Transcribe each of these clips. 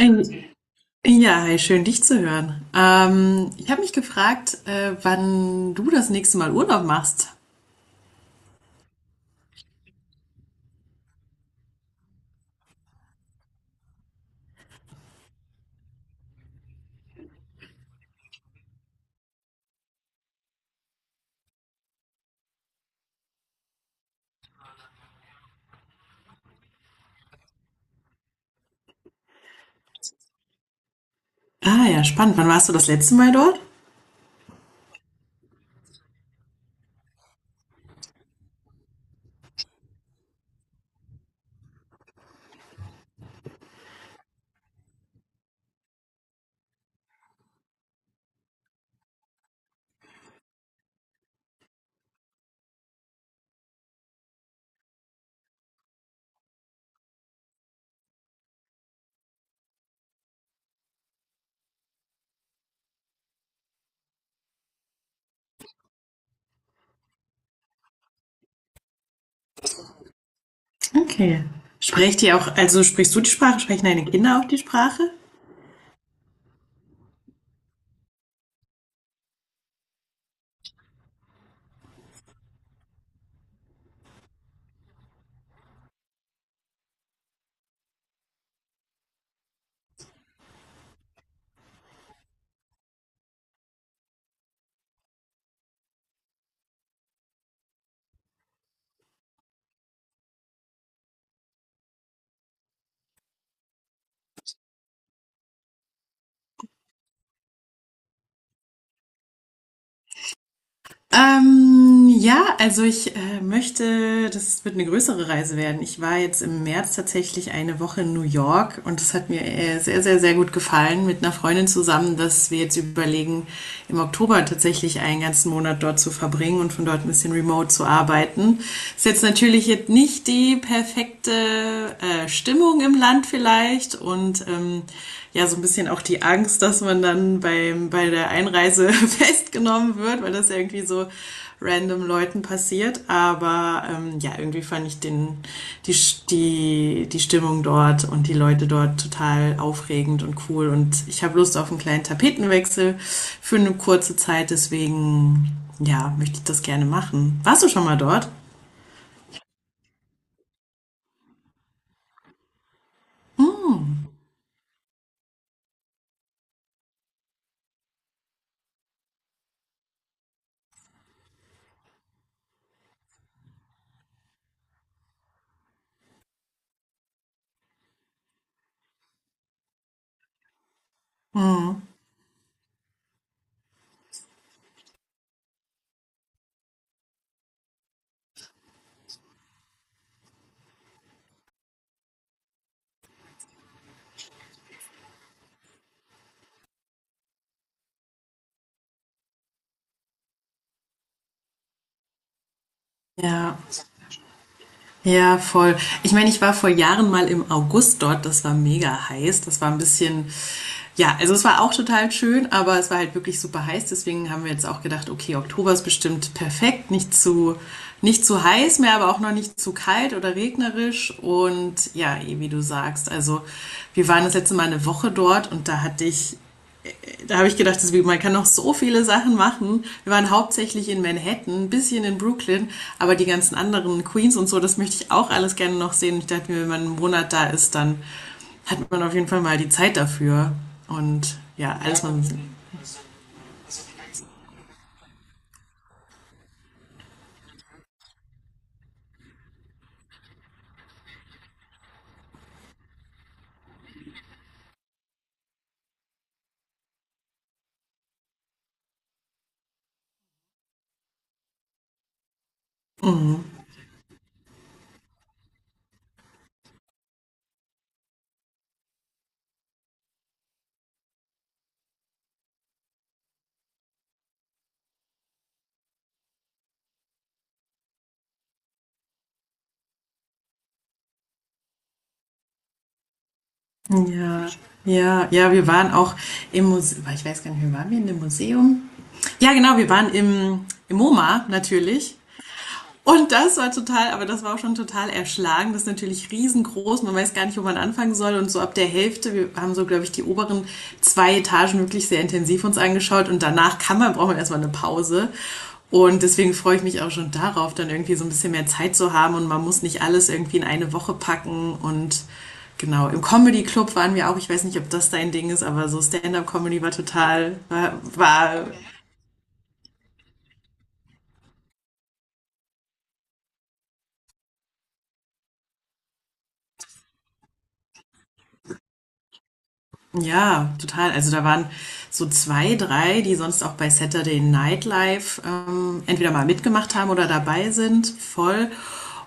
Ähm, ja, Hi, schön dich zu hören. Ich habe mich gefragt, wann du das nächste Mal Urlaub machst. Ah ja, spannend. Wann warst du das letzte Mal dort? Okay. Sprecht ihr auch, also sprichst du die Sprache, sprechen deine Kinder auch die Sprache? Ja, also ich möchte, das wird eine größere Reise werden. Ich war jetzt im März tatsächlich eine Woche in New York und das hat mir sehr, sehr, sehr gut gefallen mit einer Freundin zusammen, dass wir jetzt überlegen, im Oktober tatsächlich einen ganzen Monat dort zu verbringen und von dort ein bisschen remote zu arbeiten. Ist jetzt natürlich jetzt nicht die perfekte Stimmung im Land vielleicht und ja so ein bisschen auch die Angst, dass man dann bei der Einreise festgenommen wird, weil das ja irgendwie so random Leuten passiert. Aber ja, irgendwie fand ich die, die Stimmung dort und die Leute dort total aufregend und cool. Und ich habe Lust auf einen kleinen Tapetenwechsel für eine kurze Zeit. Deswegen, ja, möchte ich das gerne machen. Warst du schon mal dort? Ja, ja, voll. Ich meine, ich war vor Jahren mal im August dort, das war mega heiß. Das war ein bisschen, ja, also es war auch total schön, aber es war halt wirklich super heiß. Deswegen haben wir jetzt auch gedacht, okay, Oktober ist bestimmt perfekt, nicht zu heiß mehr, aber auch noch nicht zu kalt oder regnerisch. Und ja, eh, wie du sagst, also wir waren das letzte Mal eine Woche dort und da habe ich gedacht, man kann noch so viele Sachen machen. Wir waren hauptsächlich in Manhattan, ein bisschen in Brooklyn, aber die ganzen anderen Queens und so, das möchte ich auch alles gerne noch sehen. Ich dachte mir, wenn man einen Monat da ist, dann hat man auf jeden Fall mal die Zeit dafür. Und ja, alles mal ein bisschen. Ja, ja, ja, wir waren auch im Museum, ich weiß gar nicht, wie waren wir in dem Museum? Ja, genau, wir waren im MoMA natürlich. Und das war total, aber das war auch schon total erschlagen. Das ist natürlich riesengroß. Man weiß gar nicht, wo man anfangen soll. Und so ab der Hälfte, wir haben so, glaube ich, die oberen zwei Etagen wirklich sehr intensiv uns angeschaut. Und danach braucht man erstmal eine Pause. Und deswegen freue ich mich auch schon darauf, dann irgendwie so ein bisschen mehr Zeit zu haben. Und man muss nicht alles irgendwie in eine Woche packen. Und genau, im Comedy Club waren wir auch. Ich weiß nicht, ob das dein Ding ist, aber so Stand-up-Comedy war Ja, total. Also da waren so zwei, drei, die sonst auch bei Saturday Night Live entweder mal mitgemacht haben oder dabei sind, voll.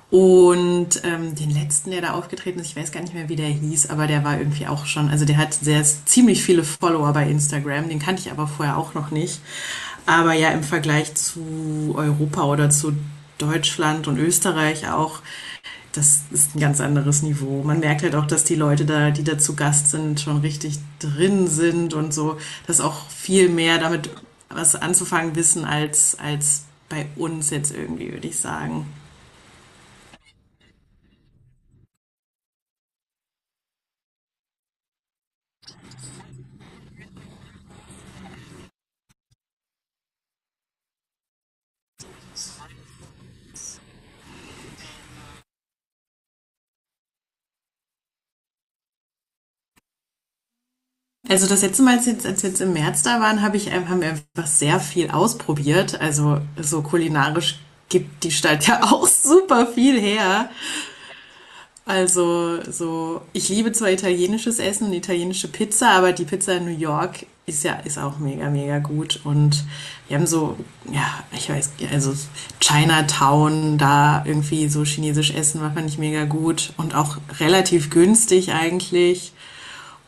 Und den letzten, der da aufgetreten ist, ich weiß gar nicht mehr, wie der hieß, aber der war irgendwie auch schon, also der hat sehr ziemlich viele Follower bei Instagram, den kannte ich aber vorher auch noch nicht. Aber ja, im Vergleich zu Europa oder zu Deutschland und Österreich auch, das ist ein ganz anderes Niveau. Man merkt halt auch, dass die Leute da, die da zu Gast sind, schon richtig drin sind und so, dass auch viel mehr damit was anzufangen wissen als bei uns jetzt irgendwie, würde ich sagen. Also das letzte Mal, wir jetzt im März da waren, haben wir einfach sehr viel ausprobiert. Also so kulinarisch gibt die Stadt ja auch super viel her. Also so, ich liebe zwar italienisches Essen und italienische Pizza, aber die Pizza in New York ist auch mega mega gut und wir haben so, ja, ich weiß, also Chinatown da irgendwie so chinesisch essen war, fand ich mega gut und auch relativ günstig eigentlich.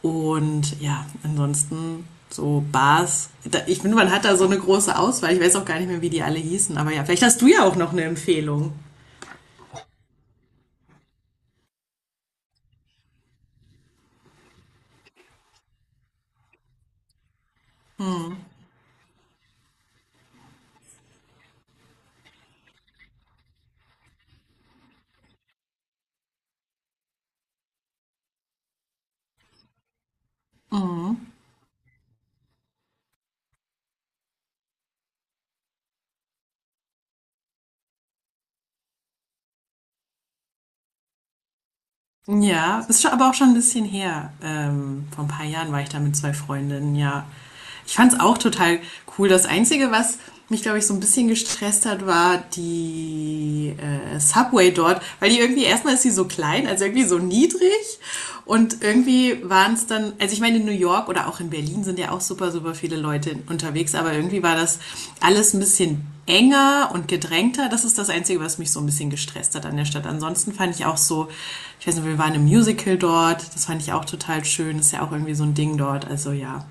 Und ja, ansonsten so Bars, ich finde man hat da so eine große Auswahl, ich weiß auch gar nicht mehr wie die alle hießen, aber ja, vielleicht hast du ja auch noch eine Empfehlung. Ja, ist schon, aber auch schon ein bisschen her. Vor ein paar Jahren war ich da mit zwei Freundinnen, ja. Ich fand es auch total cool. Das Einzige, was mich, glaube ich, so ein bisschen gestresst hat, war Subway dort, weil die irgendwie, erstmal ist sie so klein, also irgendwie so niedrig und irgendwie waren es dann, also ich meine, in New York oder auch in Berlin sind ja auch super, super viele Leute unterwegs, aber irgendwie war das alles ein bisschen enger und gedrängter. Das ist das Einzige, was mich so ein bisschen gestresst hat an der Stadt. Ansonsten fand ich auch so, ich weiß nicht, wir waren im Musical dort, das fand ich auch total schön, ist ja auch irgendwie so ein Ding dort, also ja.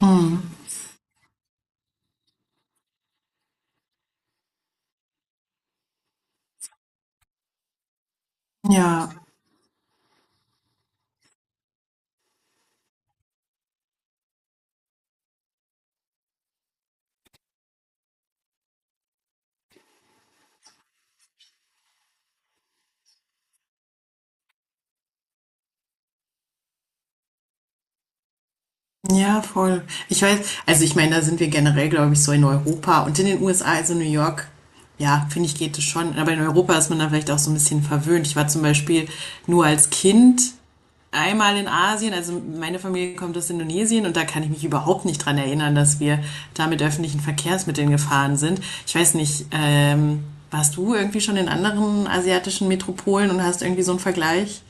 Hm, ja, ja, voll. Ich weiß, also ich meine, da sind wir generell, glaube ich, so in Europa und in den USA, also New York, ja, finde ich, geht es schon. Aber in Europa ist man da vielleicht auch so ein bisschen verwöhnt. Ich war zum Beispiel nur als Kind einmal in Asien, also meine Familie kommt aus Indonesien und da kann ich mich überhaupt nicht dran erinnern, dass wir da mit öffentlichen Verkehrsmitteln gefahren sind. Ich weiß nicht, warst du irgendwie schon in anderen asiatischen Metropolen und hast irgendwie so einen Vergleich?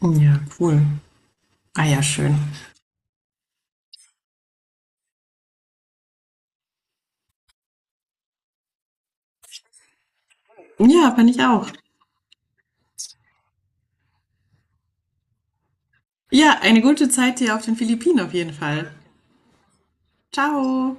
Ja, cool. Ah ja, schön. Ja, fand ich auch. Ja, eine gute Zeit dir auf den Philippinen auf jeden Fall. Ciao.